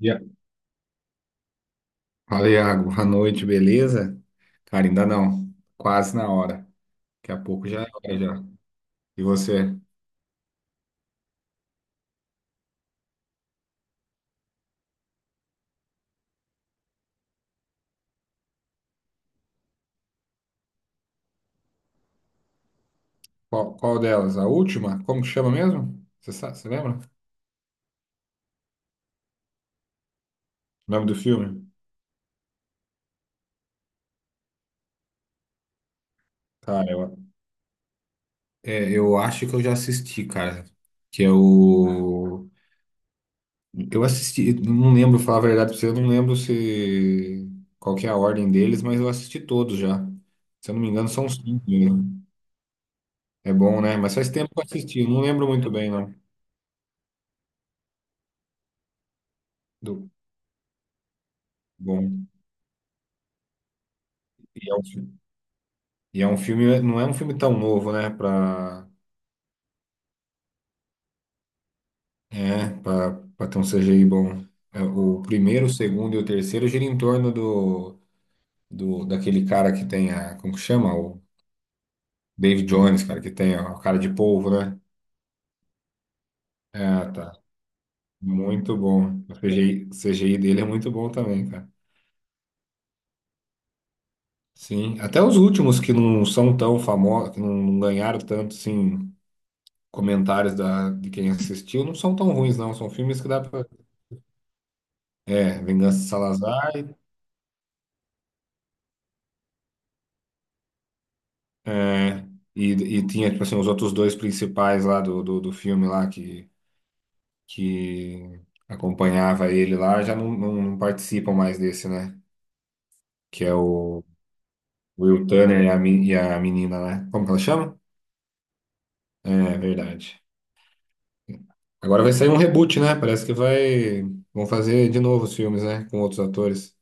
Ya- Fala, Iago. Boa noite, beleza? Cara, ainda não. Quase na hora. Daqui a pouco já é hora já. E você? Qual delas? A última? Como que chama mesmo? Você sabe, você lembra? O nome do filme? Cara, eu acho que eu já assisti, cara. Que é o. Eu assisti, não lembro, falar a verdade pra você, eu não lembro se. Qual que é a ordem deles, mas eu assisti todos já. Se eu não me engano, são cinco, né? É bom, né? Mas faz tempo que eu assisti, eu não lembro muito bem, não. Do... Bom. E é um filme. E é um filme, não é um filme tão novo, né? É, pra, pra ter um CGI bom. É, o primeiro, o segundo e o terceiro gira em torno do daquele cara que tem a, como que chama? O Dave Jones, cara, que tem a cara de polvo, né? Ah, tá. Muito bom. O CGI, o CGI dele é muito bom também, cara. Sim. Até os últimos que não são tão famosos, que não ganharam tanto, assim, comentários de quem assistiu, não são tão ruins, não. São filmes que dá pra. É, Vingança de Salazar. É, e, e tinha, tipo assim, os outros dois principais lá do filme lá que acompanhava ele lá já não participam mais desse, né? Que é o Will Turner e a menina, né? Como que ela chama? É, verdade. Agora vai sair um reboot, né? Parece que vai... Vão fazer de novo os filmes, né? Com outros atores.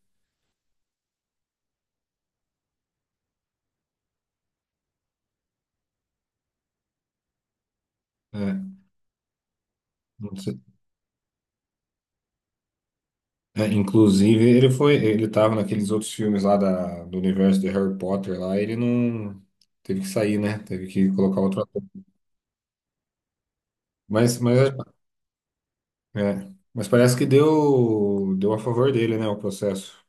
É, não sei. É, inclusive, ele foi... Ele tava naqueles outros filmes lá do universo de Harry Potter lá. Ele não... Teve que sair, né? Teve que colocar outro ator. Mas, mas, é, mas parece que deu a favor dele, né, o processo.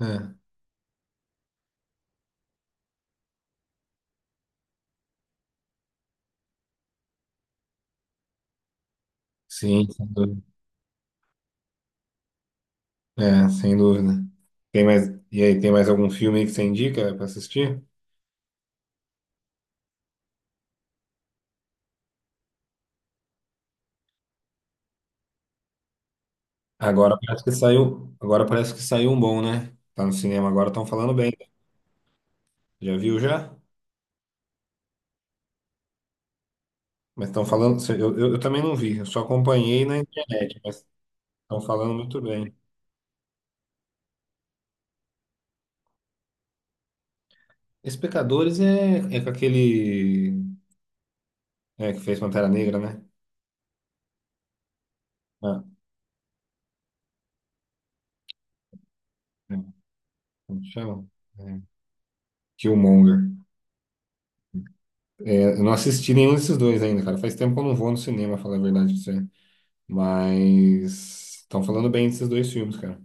É, sim, sem dúvida. É, sem dúvida. Tem mais, e aí, tem mais algum filme aí que você indica pra assistir? Agora parece que saiu um bom, né? Tá no cinema agora, estão falando bem. Já viu já? Mas estão falando, eu também não vi, eu só acompanhei na internet, mas estão falando muito bem. Esse Pecadores é com aquele, que fez Pantera Negra, né? Ah, é, como que chama? É, Killmonger. Eu não assisti nenhum desses dois ainda, cara. Faz tempo que eu não vou no cinema, falar a verdade pra você. Mas estão falando bem desses dois filmes, cara.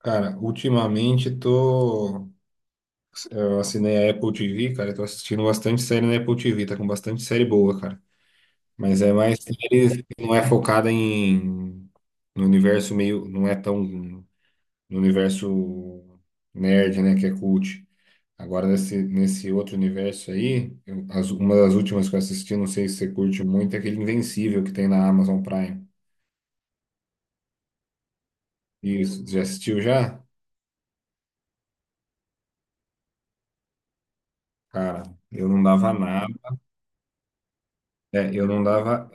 Cara, ultimamente tô. Eu assinei a Apple TV, cara. Eu tô assistindo bastante série na Apple TV. Tá com bastante série boa, cara. Mas é mais série que não é focada em. No universo meio. Não é tão. No universo nerd, né? Que é cult. Agora, nesse outro universo aí, uma das últimas que eu assisti, não sei se você curte muito, é aquele Invencível que tem na Amazon Prime. Isso, já assistiu já? Cara, eu não dava nada. É, eu não dava,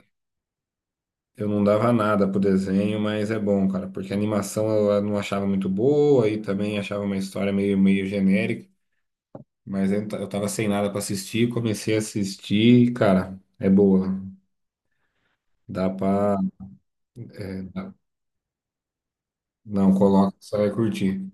eu não dava nada pro desenho, mas é bom, cara, porque a animação eu não achava muito boa e também achava uma história meio genérica, mas eu tava sem nada pra assistir, comecei a assistir, e, cara, é boa. Dá pra. é, dá- não, coloca, você vai curtir.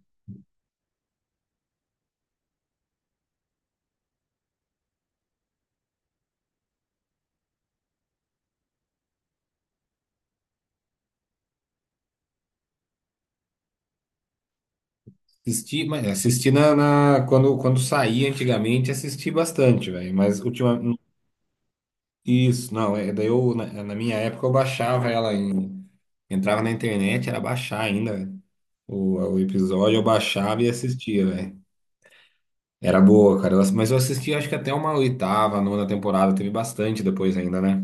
Assisti, mas assisti quando saía antigamente, assisti bastante, velho. Mas ultimamente. Isso, não. Daí eu, na minha época, eu baixava ela em. Entrava na internet, era baixar ainda, velho. O episódio eu baixava e assistia, velho. Era boa, cara. Mas eu assisti acho que até uma oitava, nona temporada. Teve bastante depois ainda, né?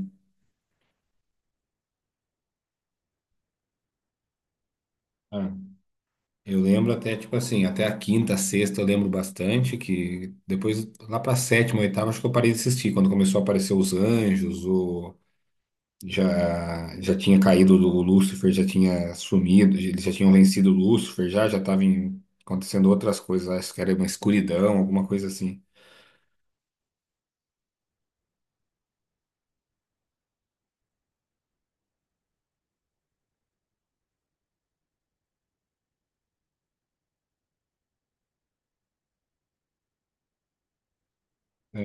Ah, eu lembro até, tipo assim, até a quinta, sexta eu lembro bastante, que depois, lá pra sétima, oitava, acho que eu parei de assistir, quando começou a aparecer os anjos, já tinha caído o Lúcifer, já tinha sumido, eles já tinham vencido o Lúcifer, já estava acontecendo outras coisas, acho que era uma escuridão, alguma coisa assim. É.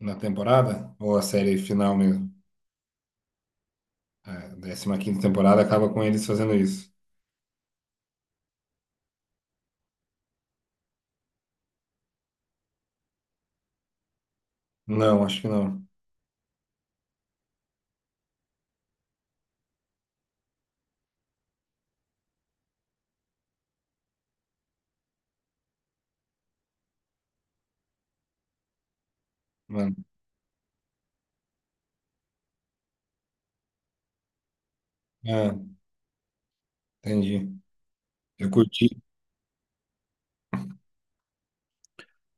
Na temporada? Ou a série final mesmo? A 15ª temporada acaba com eles fazendo isso. Não, acho que não. Mano, ah, entendi. Eu curti,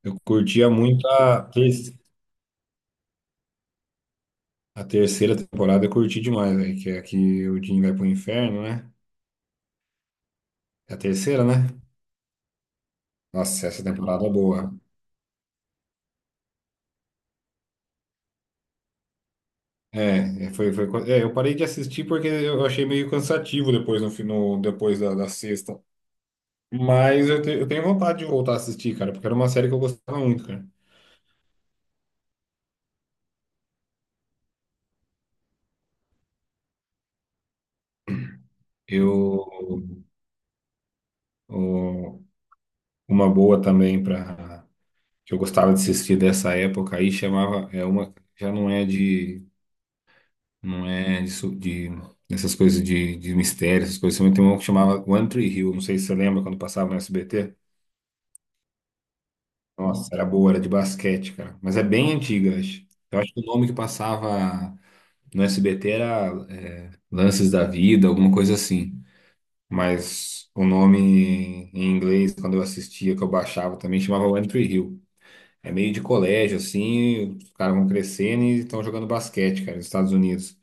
eu curtia muito a terceira temporada, eu curti demais, aí que é a que o Jim vai pro inferno, né? É a terceira, né? Nossa, essa temporada é boa. Eu parei de assistir porque eu achei meio cansativo depois no depois da sexta. Mas eu tenho vontade de voltar a assistir, cara, porque era uma série que eu gostava muito, cara. Eu, o- uma boa também para que eu gostava de assistir dessa época aí chamava, é uma, já não é de, de essas coisas de mistério, essas coisas, também tem uma que chamava One Tree Hill, não sei se você lembra quando passava no SBT. Nossa, era boa, era de basquete, cara. Mas é bem antiga, acho. Eu acho que o nome que passava no SBT era é, Lances da Vida, alguma coisa assim. Mas o nome em inglês, quando eu assistia, que eu baixava também, chamava One Tree Hill. É meio de colégio, assim, os caras vão crescendo e estão jogando basquete, cara, nos Estados Unidos.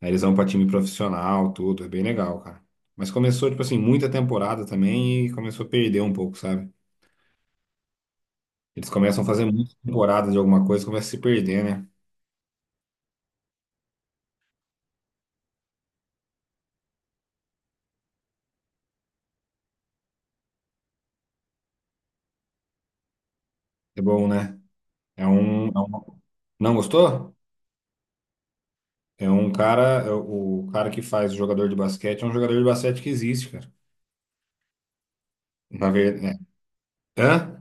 Aí eles vão pra time profissional, tudo, é bem legal, cara. Mas começou, tipo assim, muita temporada também e começou a perder um pouco, sabe? Eles começam a fazer muita temporada de alguma coisa, começa a se perder, né? É bom, né? É um, é um- Não gostou? É um cara. É o cara que faz jogador de basquete é um jogador de basquete que existe, cara. Na verdade. É. Hã?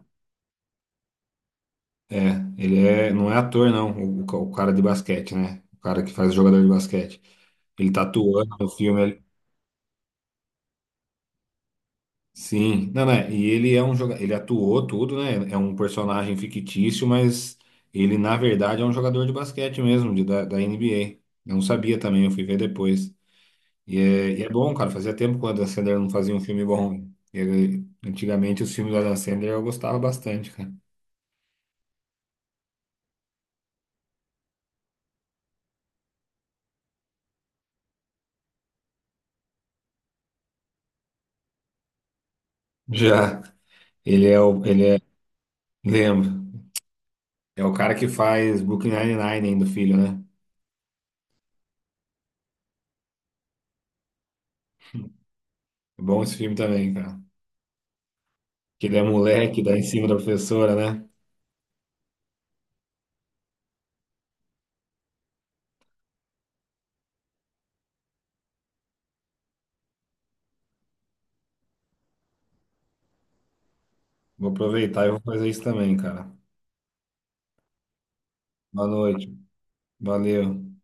É. Ele é... não é ator, não. O cara de basquete, né? O cara que faz jogador de basquete. Ele tá atuando no filme. Sim. Não, né? E ele é um jogador. Ele atuou tudo, né? É um personagem fictício, mas ele, na verdade, é um jogador de basquete mesmo, da NBA. Eu não sabia também, eu fui ver depois. E é bom, cara. Fazia tempo que o Adam Sandler não fazia um filme bom. Ele, antigamente, os filmes do Adam Sandler eu gostava bastante, cara. Já ele é o. Ele é. Lembro. É o cara que faz Brooklyn Nine-Nine ainda, filho, né? É bom esse filme também, cara. Que ele é moleque, dá em cima da professora, né? Vou aproveitar e vou fazer isso também, cara. Boa noite. Valeu.